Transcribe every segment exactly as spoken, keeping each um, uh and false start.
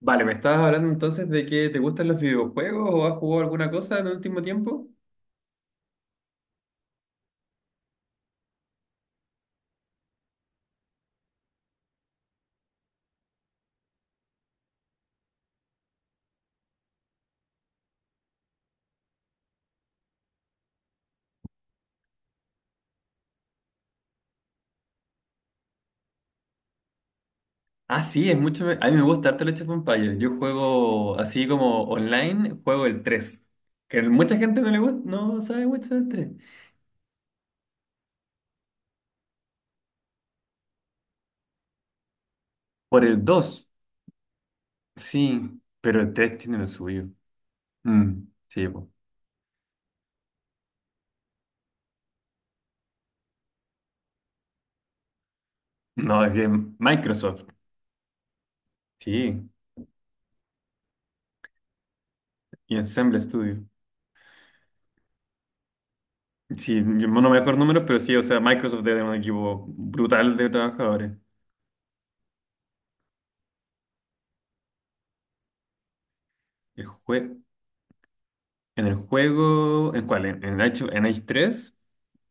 Vale, me estabas hablando entonces de que te gustan los videojuegos o has jugado alguna cosa en el último tiempo. Ah, sí, es mucho. me- A mí me gusta harto el Age of Empires. Yo juego así como online, juego el tres. Que mucha gente no le gusta, no sabe mucho del tres. Por el dos sí, pero el tres tiene lo suyo. Mm, sí, po. No, es de Microsoft, sí, y Ensemble Studio. Sí, yo no me acuerdo números, pero sí, o sea, Microsoft debe tener un equipo brutal de trabajadores. El juego. En el juego, ¿en cuál? ¿En, en Age, en Age tres?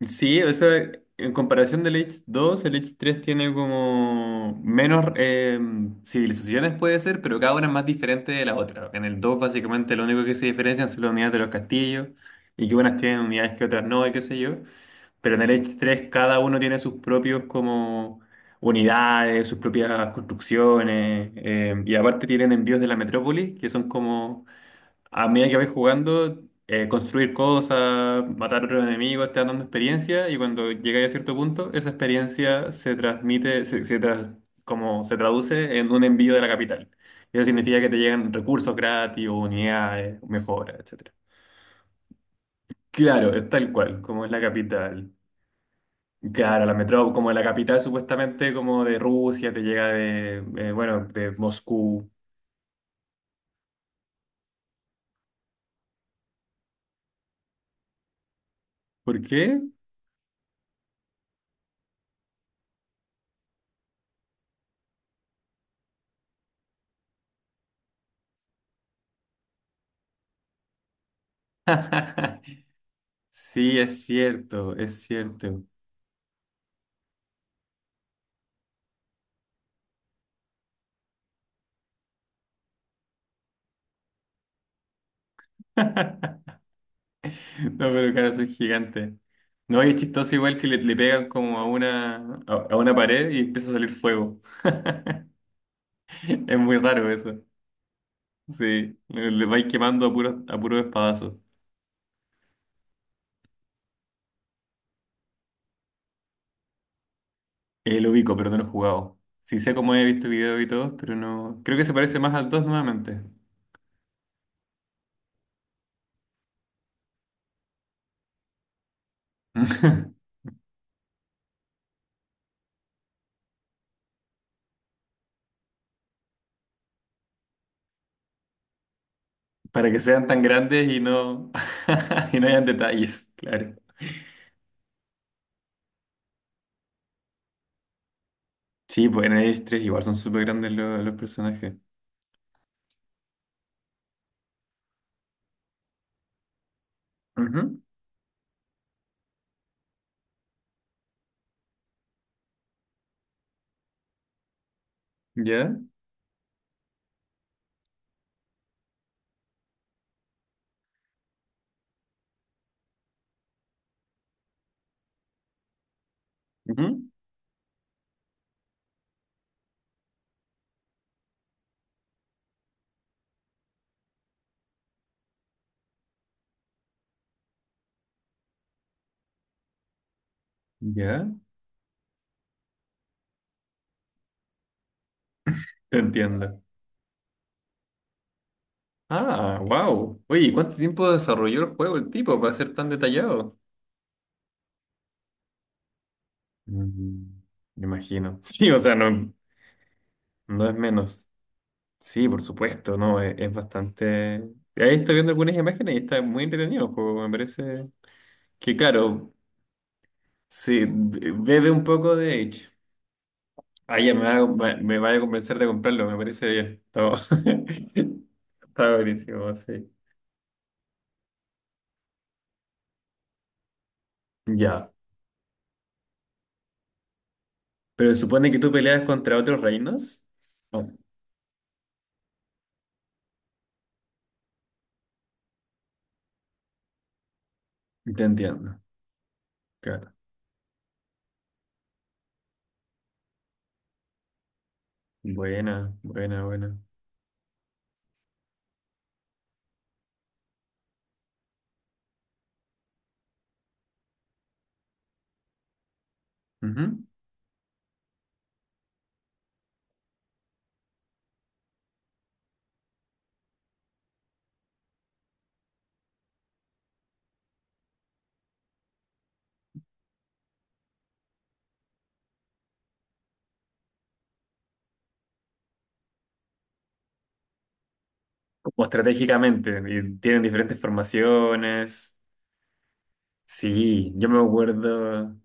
Sí, o sea, en comparación del Age dos, el Age tres tiene como menos eh, civilizaciones, puede ser, pero cada una es más diferente de la otra. En el dos, básicamente, lo único que se diferencian son las unidades de los castillos y que unas tienen unidades que otras no, y qué sé yo. Pero en el Age tres, cada uno tiene sus propios como unidades, sus propias construcciones, eh, y aparte tienen envíos de la metrópolis, que son como a medida que vais jugando, eh, construir cosas, matar a otros enemigos, te van dando experiencia y cuando llegáis a cierto punto, esa experiencia se transmite, se, se tras- como se traduce en un envío de la capital. Y eso significa que te llegan recursos gratis, unidades, mejoras, etcétera. Claro, es tal cual, como es la capital. Claro, la metrópoli, como la capital supuestamente como de Rusia, te llega de, eh, bueno, de Moscú. ¿Por qué? Sí, es cierto, es cierto. No, pero claro, soy gigante. No, y es chistoso igual que le, le pegan como a una, a, a una pared y empieza a salir fuego. Es muy raro eso. Sí, le, le vais quemando a puros a puros espadazos. Eh, lo ubico, pero no lo he jugado. Sí sé cómo he visto videos y todo, pero no. Creo que se parece más al dos nuevamente. Para que sean tan grandes y no, y no hayan detalles, claro. Sí, pues en el tres igual son súper grandes los, los personajes. Ujú. ¿Ya? Ujú. ¿Ya? Te entiendo. Ah, wow. Oye, ¿cuánto tiempo desarrolló el juego el tipo para ser tan detallado? Mm, me imagino. Sí, o sea, no, no es menos. Sí, por supuesto, no, es, es bastante. Ahí estoy viendo algunas imágenes y está muy entretenido el juego. Me parece que, claro, sí, be- bebe un poco de Edge. Ah, ya me va, me vaya a convencer de comprarlo, me parece bien. Está, está buenísimo, sí. Ya. Pero supone que tú peleas contra otros reinos. Oh, te entiendo. Claro. Buena, buena, buena. Ujú. Como estratégicamente, y tienen diferentes formaciones. Sí, yo me acuerdo.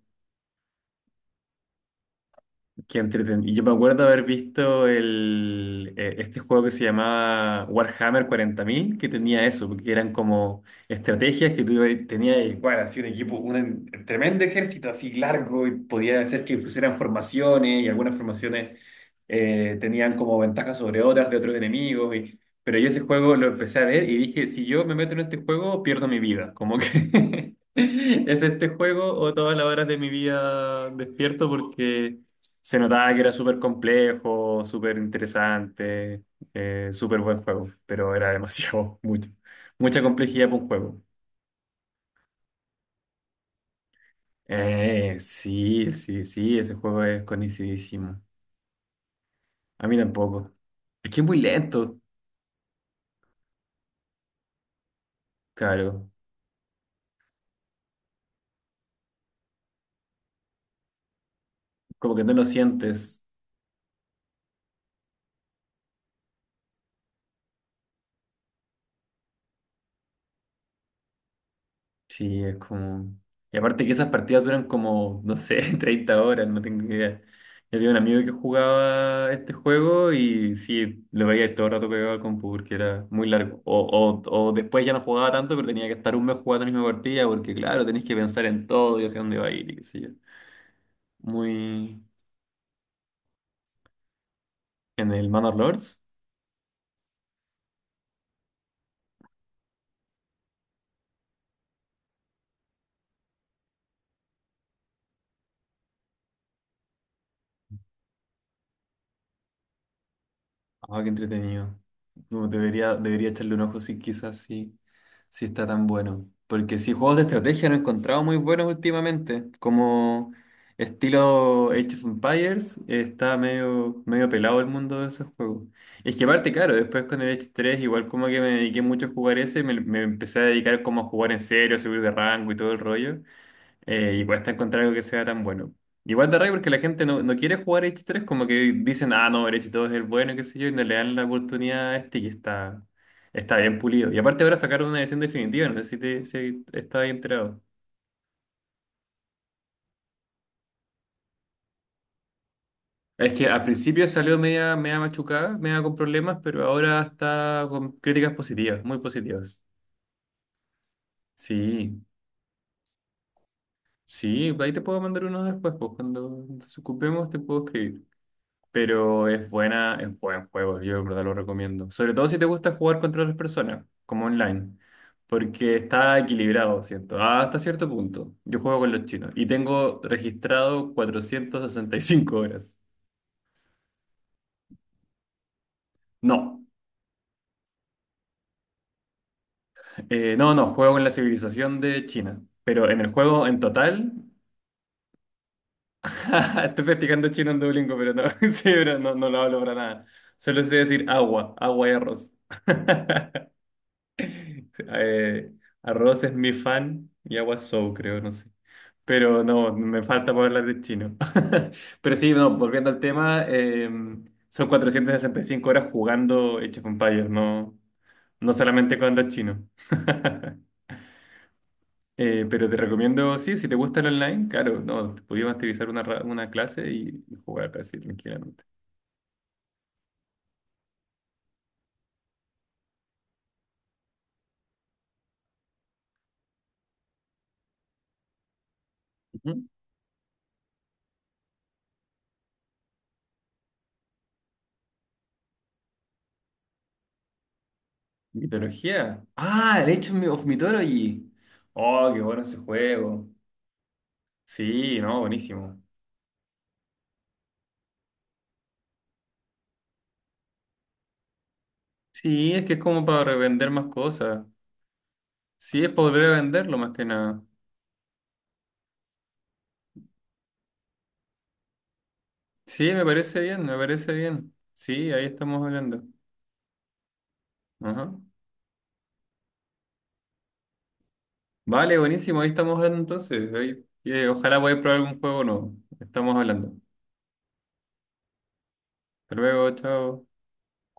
Qué entretenido. Yo me acuerdo haber visto el, eh, este juego que se llamaba Warhammer cuarenta mil que tenía eso, porque eran como estrategias que tú ibas- tenías, igual, así un equipo, un tremendo ejército así largo, y podía hacer que pusieran formaciones, y algunas formaciones eh, tenían como ventajas sobre otras de otros enemigos. Y- pero yo ese juego lo empecé a ver y dije, si yo me meto en este juego, pierdo mi vida. Como que es este juego o todas las horas de mi vida despierto porque se notaba que era súper complejo, súper interesante, eh, súper buen juego, pero era demasiado, mucho, mucha complejidad para un juego. Eh, sí, sí, sí, ese juego es conocidísimo. A mí tampoco. Es que es muy lento, claro. Como que no lo sientes. Sí, es como. Y aparte que esas partidas duran como, no sé, treinta horas, no tengo idea. Yo tenía un amigo que jugaba este juego y sí, lo veía todo el rato pegado al compu porque era muy largo. O, o, o después ya no jugaba tanto, pero tenía que estar un mes jugando la misma partida porque, claro, tenés que pensar en todo y hacia dónde va a ir y qué sé yo. Muy. En el Manor Lords. Ah, qué entretenido. No, debería, debería echarle un ojo si quizás sí, sí está tan bueno. Porque sí, juegos de estrategia no he encontrado muy buenos últimamente. Como estilo Age of Empires, eh, está medio, medio pelado el mundo de esos juegos. Es que aparte, claro, después con el Age tres igual como que me dediqué mucho a jugar ese, me, me empecé a dedicar como a jugar en serio, a subir de rango y todo el rollo. Eh, y cuesta encontrar algo que sea tan bueno. Igual de rabia porque la gente no, no quiere jugar H tres, como que dicen, ah, no, el H dos es el bueno, qué sé yo, y no le dan la oportunidad a este que está, está bien pulido. Y aparte ahora sacaron una edición definitiva, no sé si te si estás enterado. Es que al principio salió media, media machucada, media con problemas, pero ahora está con críticas positivas, muy positivas. Sí, sí, ahí te puedo mandar uno después, pues cuando nos ocupemos te puedo escribir. Pero es buena, es buen juego, yo de verdad lo recomiendo. Sobre todo si te gusta jugar contra otras personas, como online, porque está equilibrado, siento, hasta cierto punto. Yo juego con los chinos y tengo registrado 465 horas. No, eh, no, no, juego en la civilización de China, pero en el juego en total, estoy practicando chino en Duolingo, pero no, sí, pero no, no, lo hablo para nada. Solo sé decir agua, agua y arroz. Eh, Arroz es mi fan y agua Soul, creo, no sé. Pero no, me falta poder hablar de chino. Pero sí, no, volviendo al tema, eh, son cuatrocientas sesenta y cinco horas jugando Age of Empires, no, no solamente cuando es chino. Eh, pero te recomiendo, sí, si te gusta el online, claro, no, te podías masterizar una, ra- una clase y, y jugar así tranquilamente. Ujú. Mitología. Ah, el Age of Mythology. Oh, qué bueno ese juego. Sí, no, buenísimo. Sí, es que es como para revender más cosas. Sí, es para volver a venderlo más que nada. Sí, me parece bien, me parece bien. Sí, ahí estamos hablando. Ajá. Vale, buenísimo, ahí estamos hablando entonces. Ahí- eh, ojalá podáis probar algún juego nuevo. Estamos hablando. Hasta luego, chao.